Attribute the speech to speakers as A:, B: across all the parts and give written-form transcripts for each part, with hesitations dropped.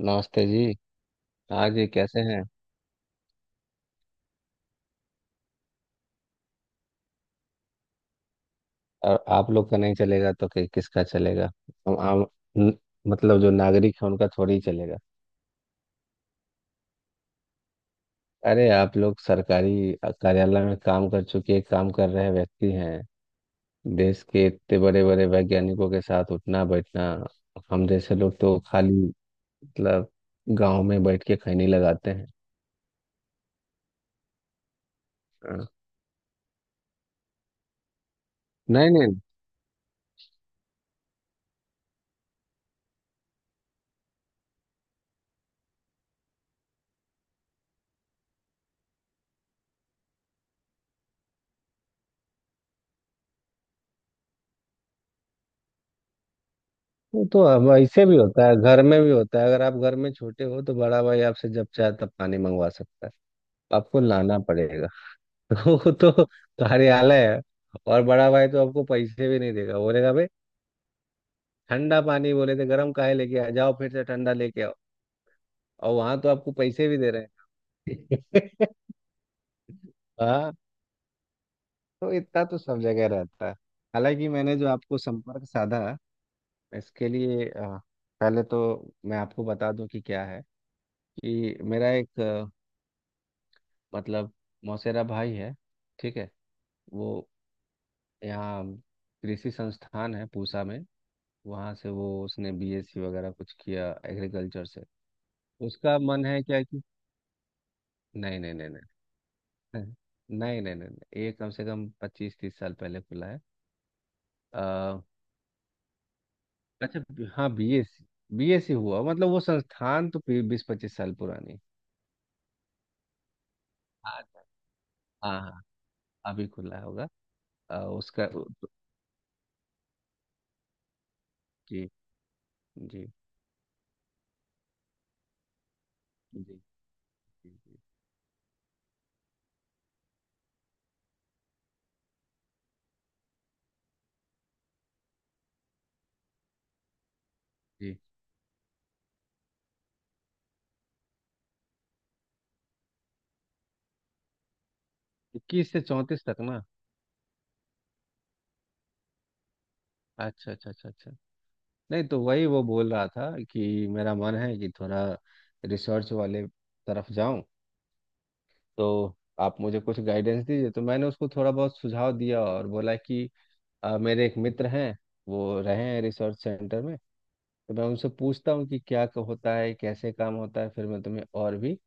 A: नमस्ते जी। हाँ जी, कैसे हैं? और आप लोग का नहीं चलेगा तो किसका चलेगा। हम आम न- मतलब जो नागरिक है उनका थोड़ी चलेगा। अरे आप लोग सरकारी कार्यालय में काम कर चुके काम कर रहे व्यक्ति हैं। देश के इतने बड़े बड़े वैज्ञानिकों के साथ उठना बैठना। हम जैसे लोग तो खाली मतलब गांव में बैठ के खैनी लगाते हैं। हाँ। नहीं नहीं। वो तो अब ऐसे भी होता है, घर में भी होता है। अगर आप घर में छोटे हो तो बड़ा भाई आपसे जब चाहे तब पानी मंगवा सकता है, आपको लाना पड़ेगा। वो तो कार्यालय है। और बड़ा भाई तो आपको पैसे भी नहीं देगा, बोलेगा भाई ठंडा पानी बोले थे गर्म काहे लेके आ जाओ, फिर से ठंडा लेके आओ। और वहां तो आपको पैसे भी दे रहे हैं। हाँ, तो इतना तो सब जगह रहता है। हालांकि मैंने जो आपको संपर्क साधा इसके लिए पहले तो मैं आपको बता दूं कि क्या है। कि मेरा एक मतलब मौसेरा भाई है। ठीक है। वो यहाँ कृषि संस्थान है पूसा में, वहाँ से वो उसने बीएससी वगैरह कुछ किया एग्रीकल्चर से। उसका मन है क्या कि नहीं नहीं नहीं नहीं। नहीं नहीं नहीं नहीं, ये कम से कम पच्चीस तीस साल पहले खुला है। आ, अच्छा हाँ बीएससी। बीएससी हुआ मतलब वो संस्थान तो बीस पच्चीस साल पुरानी है। अच्छा, हाँ हाँ, अभी खुला होगा। उसका। जी जी जी जी जी। इक्कीस से चौंतीस तक ना? अच्छा अच्छा अच्छा अच्छा। नहीं तो वही वो बोल रहा था कि मेरा मन है कि थोड़ा रिसर्च वाले तरफ जाऊं, तो आप मुझे कुछ गाइडेंस दीजिए। तो मैंने उसको थोड़ा बहुत सुझाव दिया और बोला कि मेरे एक मित्र हैं, वो रहे हैं रिसर्च सेंटर में, तो मैं उनसे पूछता हूँ कि क्या होता है, कैसे काम होता है, फिर मैं तुम्हें और भी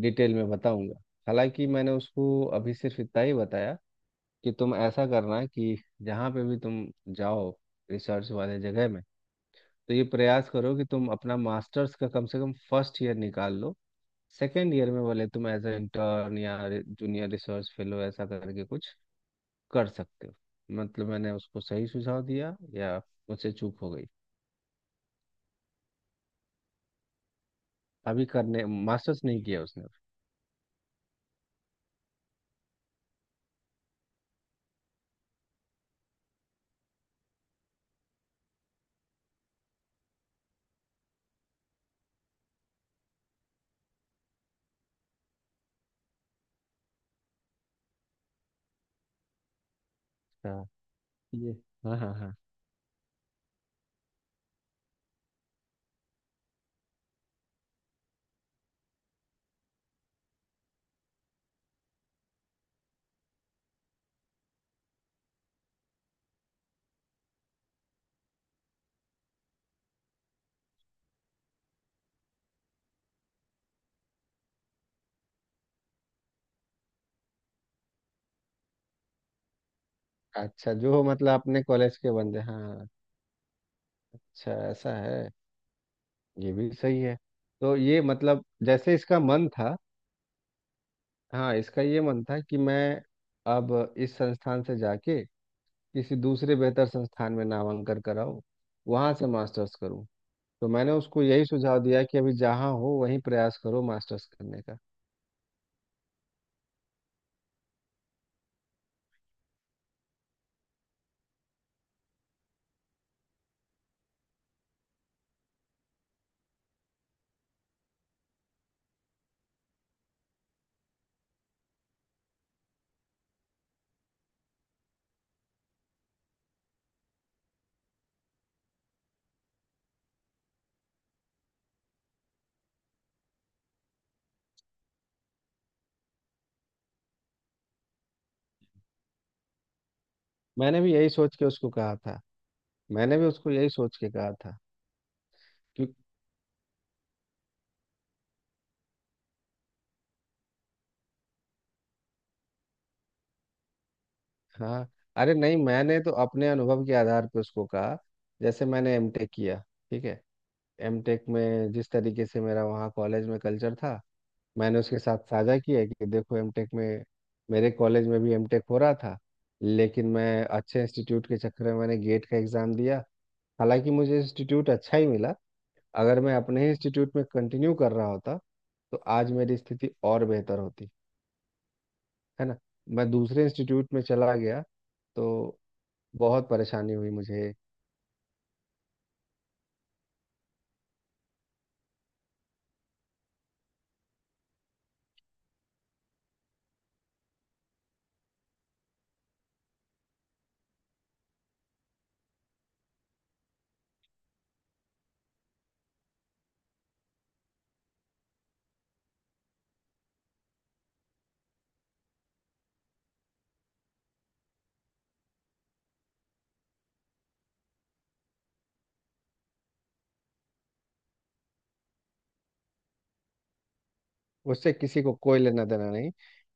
A: डिटेल में बताऊंगा। हालांकि मैंने उसको अभी सिर्फ इतना ही बताया कि तुम ऐसा करना कि जहाँ पे भी तुम जाओ, रिसर्च वाले जगह में, तो ये प्रयास करो कि तुम अपना मास्टर्स का कम से कम फर्स्ट ईयर निकाल लो। सेकेंड ईयर में भले तुम एज ए इंटर्न या जूनियर रिसर्च फेलो ऐसा करके कुछ कर सकते हो। मतलब मैंने उसको सही सुझाव दिया या मुझसे चूक हो गई? अभी करने मास्टर्स नहीं किया उसने। अच्छा, ये हाँ हाँ हाँ। अच्छा जो मतलब अपने कॉलेज के बंदे, हाँ। अच्छा ऐसा है। ये भी सही है। तो ये मतलब जैसे इसका मन था। हाँ, इसका ये मन था कि मैं अब इस संस्थान से जाके किसी दूसरे बेहतर संस्थान में नामांकन कराऊं, वहां से मास्टर्स करूं। तो मैंने उसको यही सुझाव दिया कि अभी जहाँ हो वहीं प्रयास करो मास्टर्स करने का। मैंने भी यही सोच के उसको कहा था। मैंने भी उसको यही सोच के कहा था। क्यों? हाँ। अरे नहीं, मैंने तो अपने अनुभव के आधार पर उसको कहा। जैसे मैंने एमटेक किया। ठीक है। एमटेक में जिस तरीके से मेरा वहाँ कॉलेज में कल्चर था, मैंने उसके साथ साझा किया है कि देखो एमटेक में मेरे कॉलेज में भी एमटेक हो रहा था, लेकिन मैं अच्छे इंस्टीट्यूट के चक्कर में मैंने गेट का एग्ज़ाम दिया। हालांकि मुझे इंस्टीट्यूट अच्छा ही मिला। अगर मैं अपने ही इंस्टीट्यूट में कंटिन्यू कर रहा होता तो आज मेरी स्थिति और बेहतर होती, है ना? मैं दूसरे इंस्टीट्यूट में चला गया तो बहुत परेशानी हुई मुझे। उससे किसी को कोई लेना देना नहीं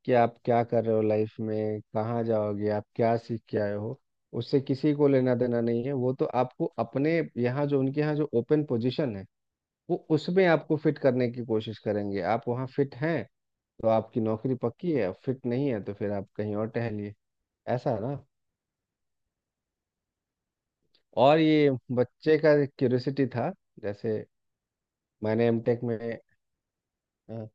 A: कि आप क्या कर रहे हो लाइफ में, कहाँ जाओगे, आप क्या सीख के आए हो। उससे किसी को लेना देना नहीं है। वो तो आपको अपने यहाँ जो उनके यहाँ जो ओपन पोजीशन है वो उसमें आपको फिट करने की कोशिश करेंगे। आप वहाँ फिट हैं तो आपकी नौकरी पक्की है, फिट नहीं है तो फिर आप कहीं और टहलिए। ऐसा है ना? और ये बच्चे का क्यूरियोसिटी था। जैसे मैंने एमटेक में अ,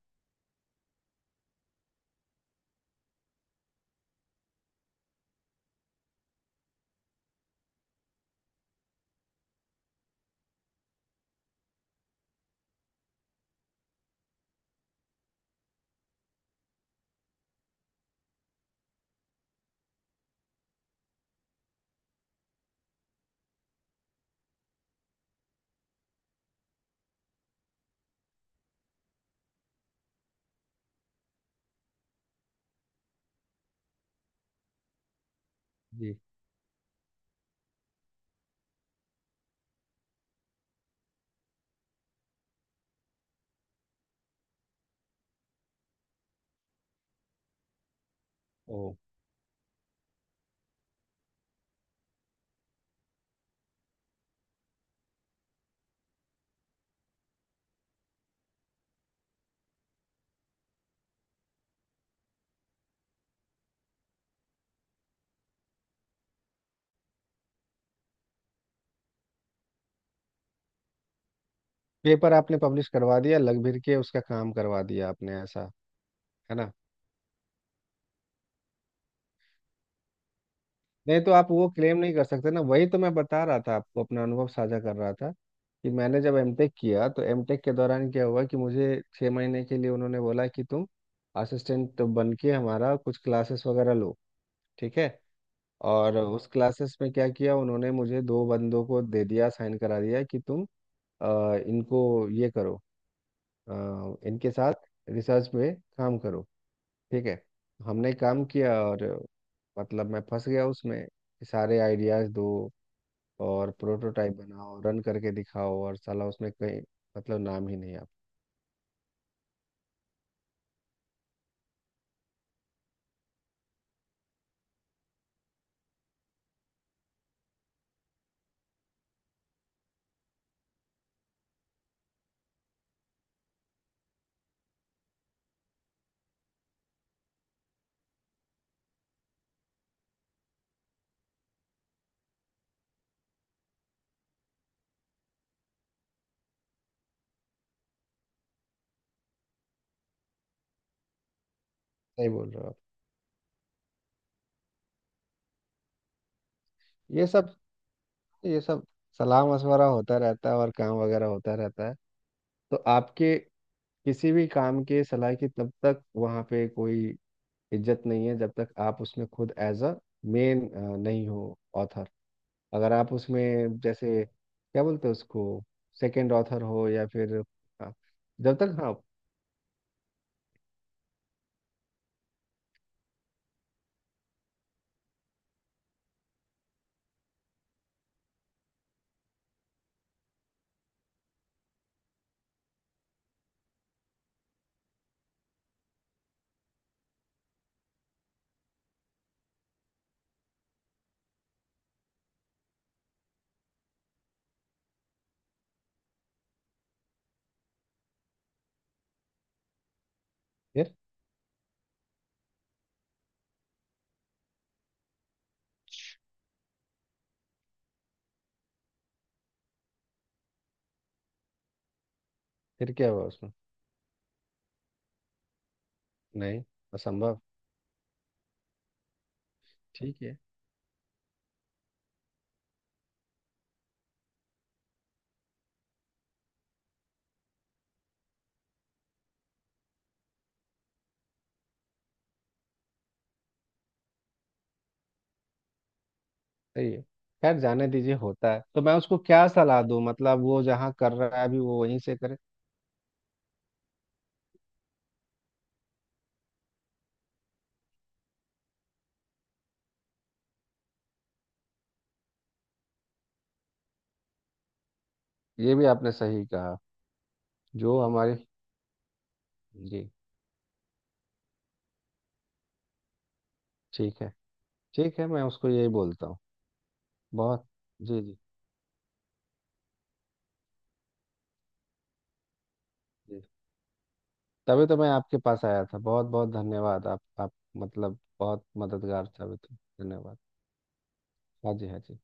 A: जी। ओ। पेपर आपने पब्लिश करवा दिया, लग भिड़ के उसका काम करवा दिया आपने, ऐसा है ना? नहीं तो आप वो क्लेम नहीं कर सकते ना। वही तो मैं बता रहा था आपको, अपना अनुभव साझा कर रहा था कि मैंने जब एमटेक किया तो एमटेक के दौरान क्या हुआ कि मुझे छः महीने के लिए उन्होंने बोला कि तुम असिस्टेंट बन के हमारा कुछ क्लासेस वगैरह लो। ठीक है। और उस क्लासेस में क्या किया, उन्होंने मुझे दो बंदों को दे दिया, साइन करा दिया कि तुम इनको ये करो, अ, इनके साथ रिसर्च में काम करो। ठीक है। हमने काम किया और मतलब मैं फंस गया उसमें कि सारे आइडियाज दो और प्रोटोटाइप बनाओ, रन करके दिखाओ और साला उसमें कहीं मतलब नाम ही नहीं आप। सही बोल रहे हो आप। ये सब ये सब सलाह मशवरा होता रहता है और काम वगैरह होता रहता है। तो आपके किसी भी काम के सलाह की तब तक वहाँ पे कोई इज्जत नहीं है जब तक आप उसमें खुद एज अ मेन नहीं हो, ऑथर। अगर आप उसमें जैसे क्या बोलते हैं उसको सेकंड ऑथर हो या फिर हाँ, जब तक हाँ। फिर फिर क्या हुआ उसमें? नहीं। असंभव। ठीक है। सही है। खैर जाने दीजिए, होता है। तो मैं उसको क्या सलाह दूं, मतलब वो जहाँ कर रहा है अभी वो वहीं से करे। ये भी आपने सही कहा। जो हमारे जी। ठीक है ठीक है, मैं उसको यही बोलता हूँ। बहुत। जी जी जी। तभी तो मैं आपके पास आया था, बहुत बहुत धन्यवाद। आप मतलब बहुत मददगार साबित हुए। धन्यवाद। हाँ जी हाँ जी।